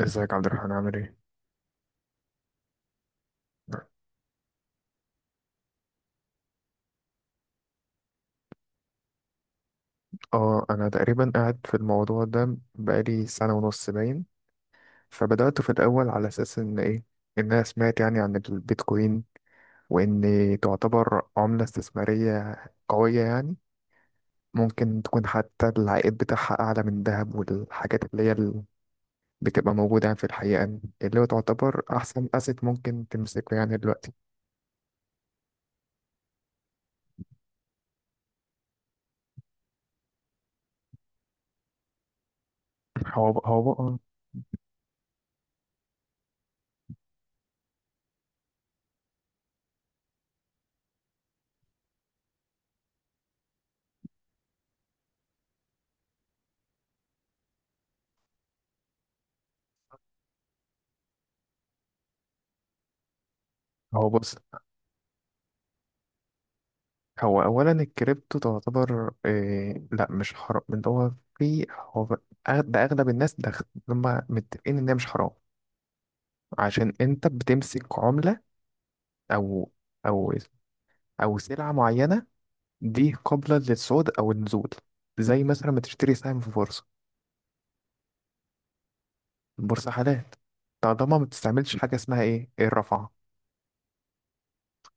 ازيك يا عبد الرحمن عامل ايه؟ اه انا تقريبا قاعد في الموضوع ده بقالي سنة ونص باين. فبدأت في الاول على اساس ان ايه، ان انا سمعت يعني عن البيتكوين، وان تعتبر عملة استثمارية قوية يعني، ممكن تكون حتى العائد بتاعها اعلى من الذهب والحاجات اللي هي اللي بتبقى موجودة يعني في الحقيقة، اللي هو تعتبر احسن اسيت ممكن تمسكه يعني دلوقتي. هو هو هو بص، هو اولا الكريبتو تعتبر إيه، لا مش حرام. من هو في هو ب- أغ- ده اغلب الناس ده هم متفقين ان هي مش حرام. عشان انت بتمسك عملة، او او او سلعة معينة دي قابلة للصعود او النزول، زي مثلا ما تشتري سهم في بورصة. البورصة حلال طالما ما بتستعملش حاجة اسمها ايه الرفعة،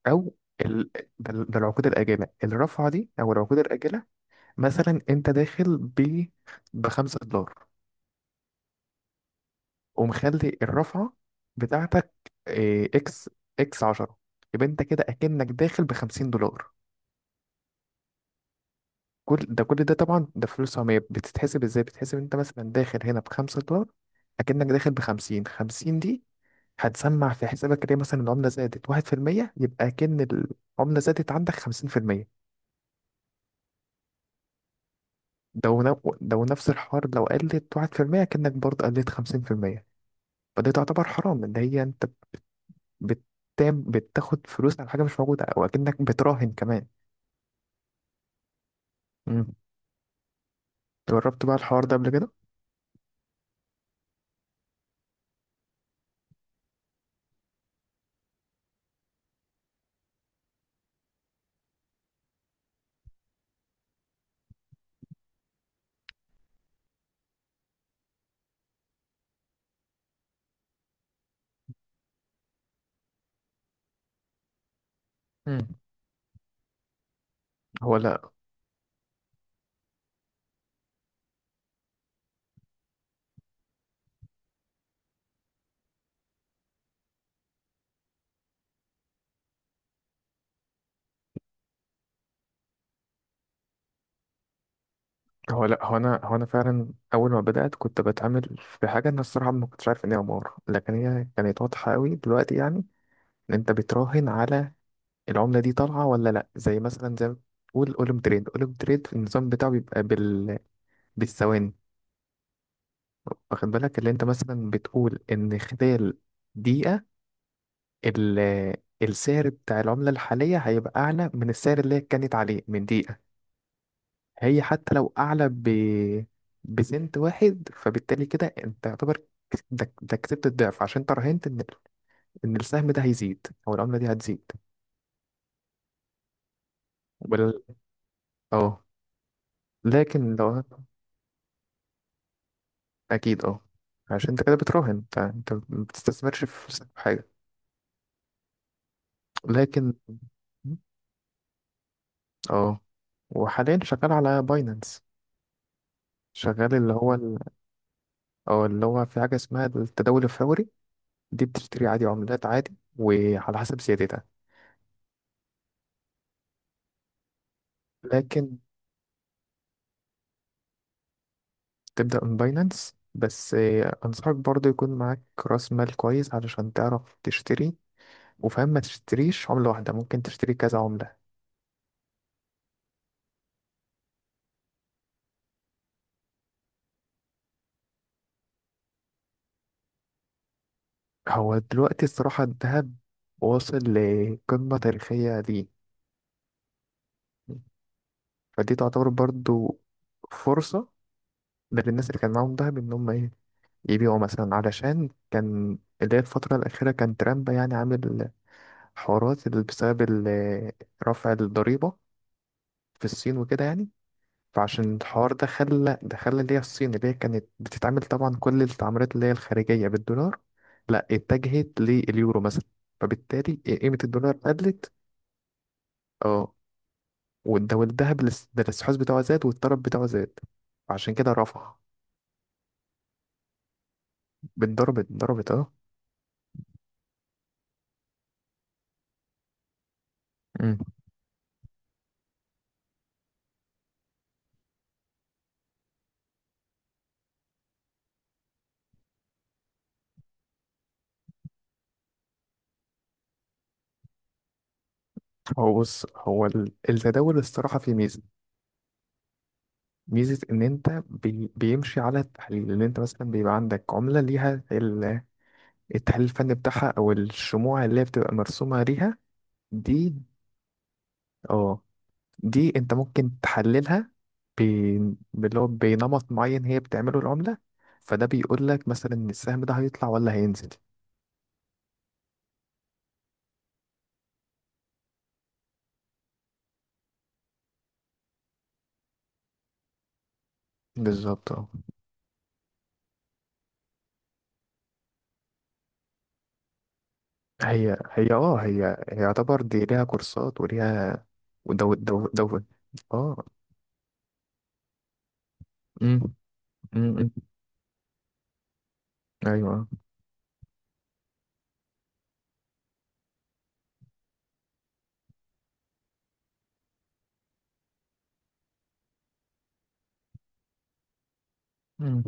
او ال... ده ده العقود الآجلة، الرفعة دي او العقود الآجلة. مثلا انت داخل بخمسة دولار، ومخلي الرفعة بتاعتك إيه، اكس 10، يبقى انت كده اكنك داخل ب 50 دولار. كل ده طبعا، ده فلوس عمية. بتتحسب ازاي؟ بتتحسب انت مثلا داخل هنا ب 5 دولار، اكنك داخل ب 50. 50 دي هتسمع في حسابك ليه؟ مثلا العملة زادت 1%، يبقى اكن العملة زادت عندك 50%. ده ونفس الحوار لو قلت 1%، اكنك برضه قلت 50%. فدي تعتبر حرام، اللي هي انت بتتاب بتاخد فلوس على حاجة مش موجودة وأكنك بتراهن كمان. مم. جربت بقى الحوار ده قبل كده؟ مم. هو لا هو أنا فعلا أول ما بدأت كنت بتعامل في حاجة، أنا الصراحة ما كنتش عارف إن هي عمارة، لكن هي كانت واضحة أوي دلوقتي يعني. إن أنت بتراهن على العملة دي طالعة ولا لأ، زي مثلا زي ما بتقول أولم تريد. أولم تريد النظام بتاعه بيبقى بالثواني. واخد بالك اللي أنت مثلا بتقول إن خلال دقيقة ال السعر بتاع العملة الحالية هيبقى أعلى من السعر اللي هي كانت عليه من دقيقة. هي حتى لو أعلى بسنت واحد، فبالتالي كده أنت يعتبر كس- ده, ده كسبت الضعف، عشان انت راهنت إن السهم ده هيزيد أو العملة دي هتزيد. وال اه. لكن لو أكيد، اه. عشان انت كده بتراهن، انت ما بتستثمرش فلوسك في حاجة. لكن، اه. وحاليا شغال على باينانس. شغال اللي هو في حاجة اسمها التداول الفوري. دي بتشتري عادي عملات عادي وعلى حسب زيادتها. لكن تبدأ من باينانس بس. أنصحك برضو يكون معاك رأس مال كويس علشان تعرف تشتري. وفاهم، ما تشتريش عملة واحدة، ممكن تشتري كذا عملة. هو دلوقتي الصراحة الذهب واصل لقمة تاريخية دي. فدي تعتبر برضو فرصة، ده للناس اللي كان معاهم دهب إن هم إيه، يبيعوا مثلا. علشان كان اللي هي الفترة الأخيرة كان ترامب يعني عامل حوارات اللي رفع الضريبة في الصين وكده يعني. فعشان الحوار ده خلى اللي هي الصين اللي هي كانت بتتعامل طبعا كل التعاملات اللي هي الخارجية بالدولار، لا اتجهت لليورو مثلا. فبالتالي قيمة الدولار قلت. اه. والذهب، الاس- ده الاستحواذ بتاعه زاد والطلب بتاعه زاد. عشان كده رفع. بالضرب ضربت، اه. أمم. هو بص، التداول الصراحة فيه ميزة، ميزة إن أنت بيمشي على التحليل، إن أنت مثلا بيبقى عندك عملة ليها التحليل الفني بتاعها أو الشموع اللي هي بتبقى مرسومة ليها. دي اه دي أنت ممكن تحللها باللي هو بنمط معين هي بتعمله العملة. فده بيقول لك مثلا إن السهم ده هيطلع ولا هينزل. بالظبط، اه. هي هي اه هي هي يعتبر دي ليها كورسات وليها. ودو دو دو اه. امم. امم. ايوه. امم.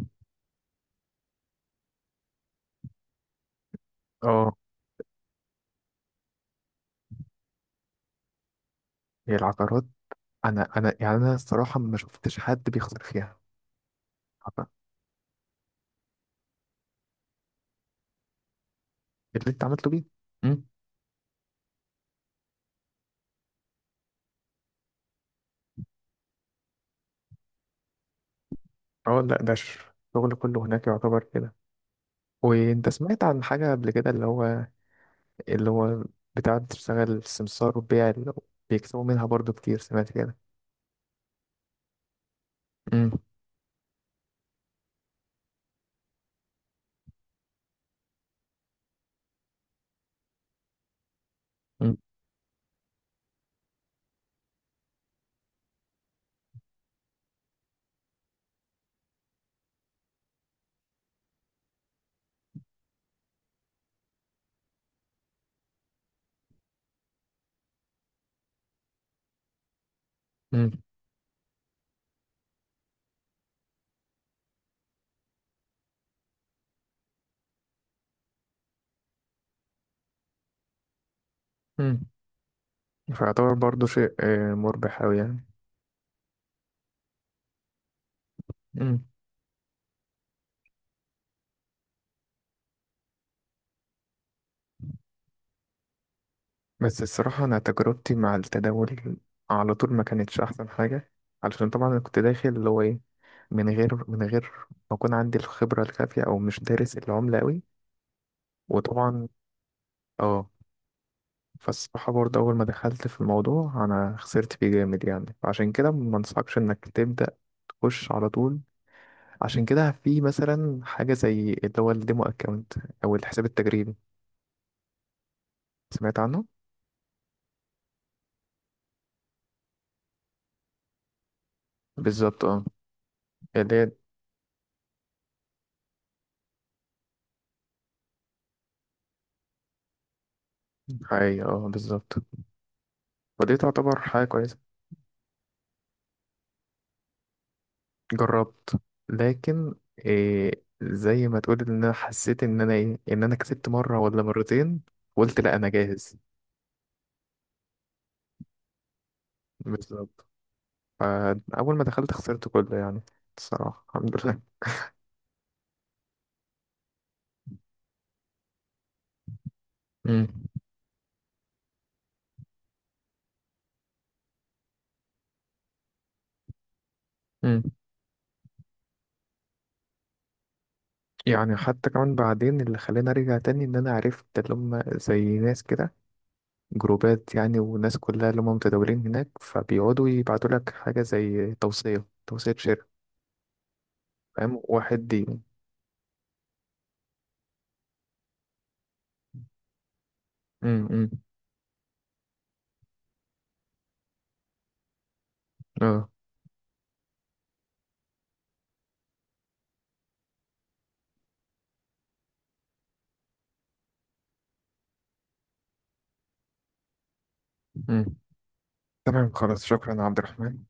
اه. هي العقارات، انا يعني الصراحه ما شفتش حد بيخسر فيها. عارفة؟ اللي انت عملته بيه. امم. اه، لا، ده الشغل كله هناك يعتبر كده. وانت سمعت عن حاجه قبل كده اللي هو بتاع بتشتغل السمسار وبيع، اللي هو بيكسبوا منها برضو كتير، سمعت كده؟ امم. امم. امم. فيعتبر برضو شيء، مربح أوي. يعني. بس الصراحة أنا تجربتي مع التداول على طول ما كانتش أحسن حاجة. علشان طبعا أنا كنت داخل اللي هو إيه، من غير ما أكون عندي الخبرة الكافية، أو مش دارس العملة أوي. وطبعا، اه. فالصراحة برضه أول ما دخلت في الموضوع أنا خسرت فيه جامد يعني. عشان كده ما أنصحكش إنك تبدأ تخش على طول. عشان كده في مثلا حاجة زي اللي هو الديمو أكاونت أو الحساب التجريبي. سمعت عنه؟ بالظبط، اه. اللي هي حقيقة، اه، بالظبط. ودي تعتبر حاجة كويسة. جربت. لكن إيه، زي ما تقول ان انا حسيت ان انا ايه ان انا كسبت مره ولا مرتين. قلت لا، انا جاهز. بالظبط. فاول ما دخلت خسرت كله يعني. الصراحه الحمد لله. مم. مم. يعني حتى كمان بعدين اللي خلاني ارجع تاني ان انا عرفت اللي هم زي ناس كده. جروبات يعني، وناس كلها اللي هم متداولين هناك، فبيقعدوا يبعتوا لك حاجه زي توصيه شركه. فاهم واحد دي. امم. اه. مم. تمام خلاص، شكرا يا عبد الرحمن.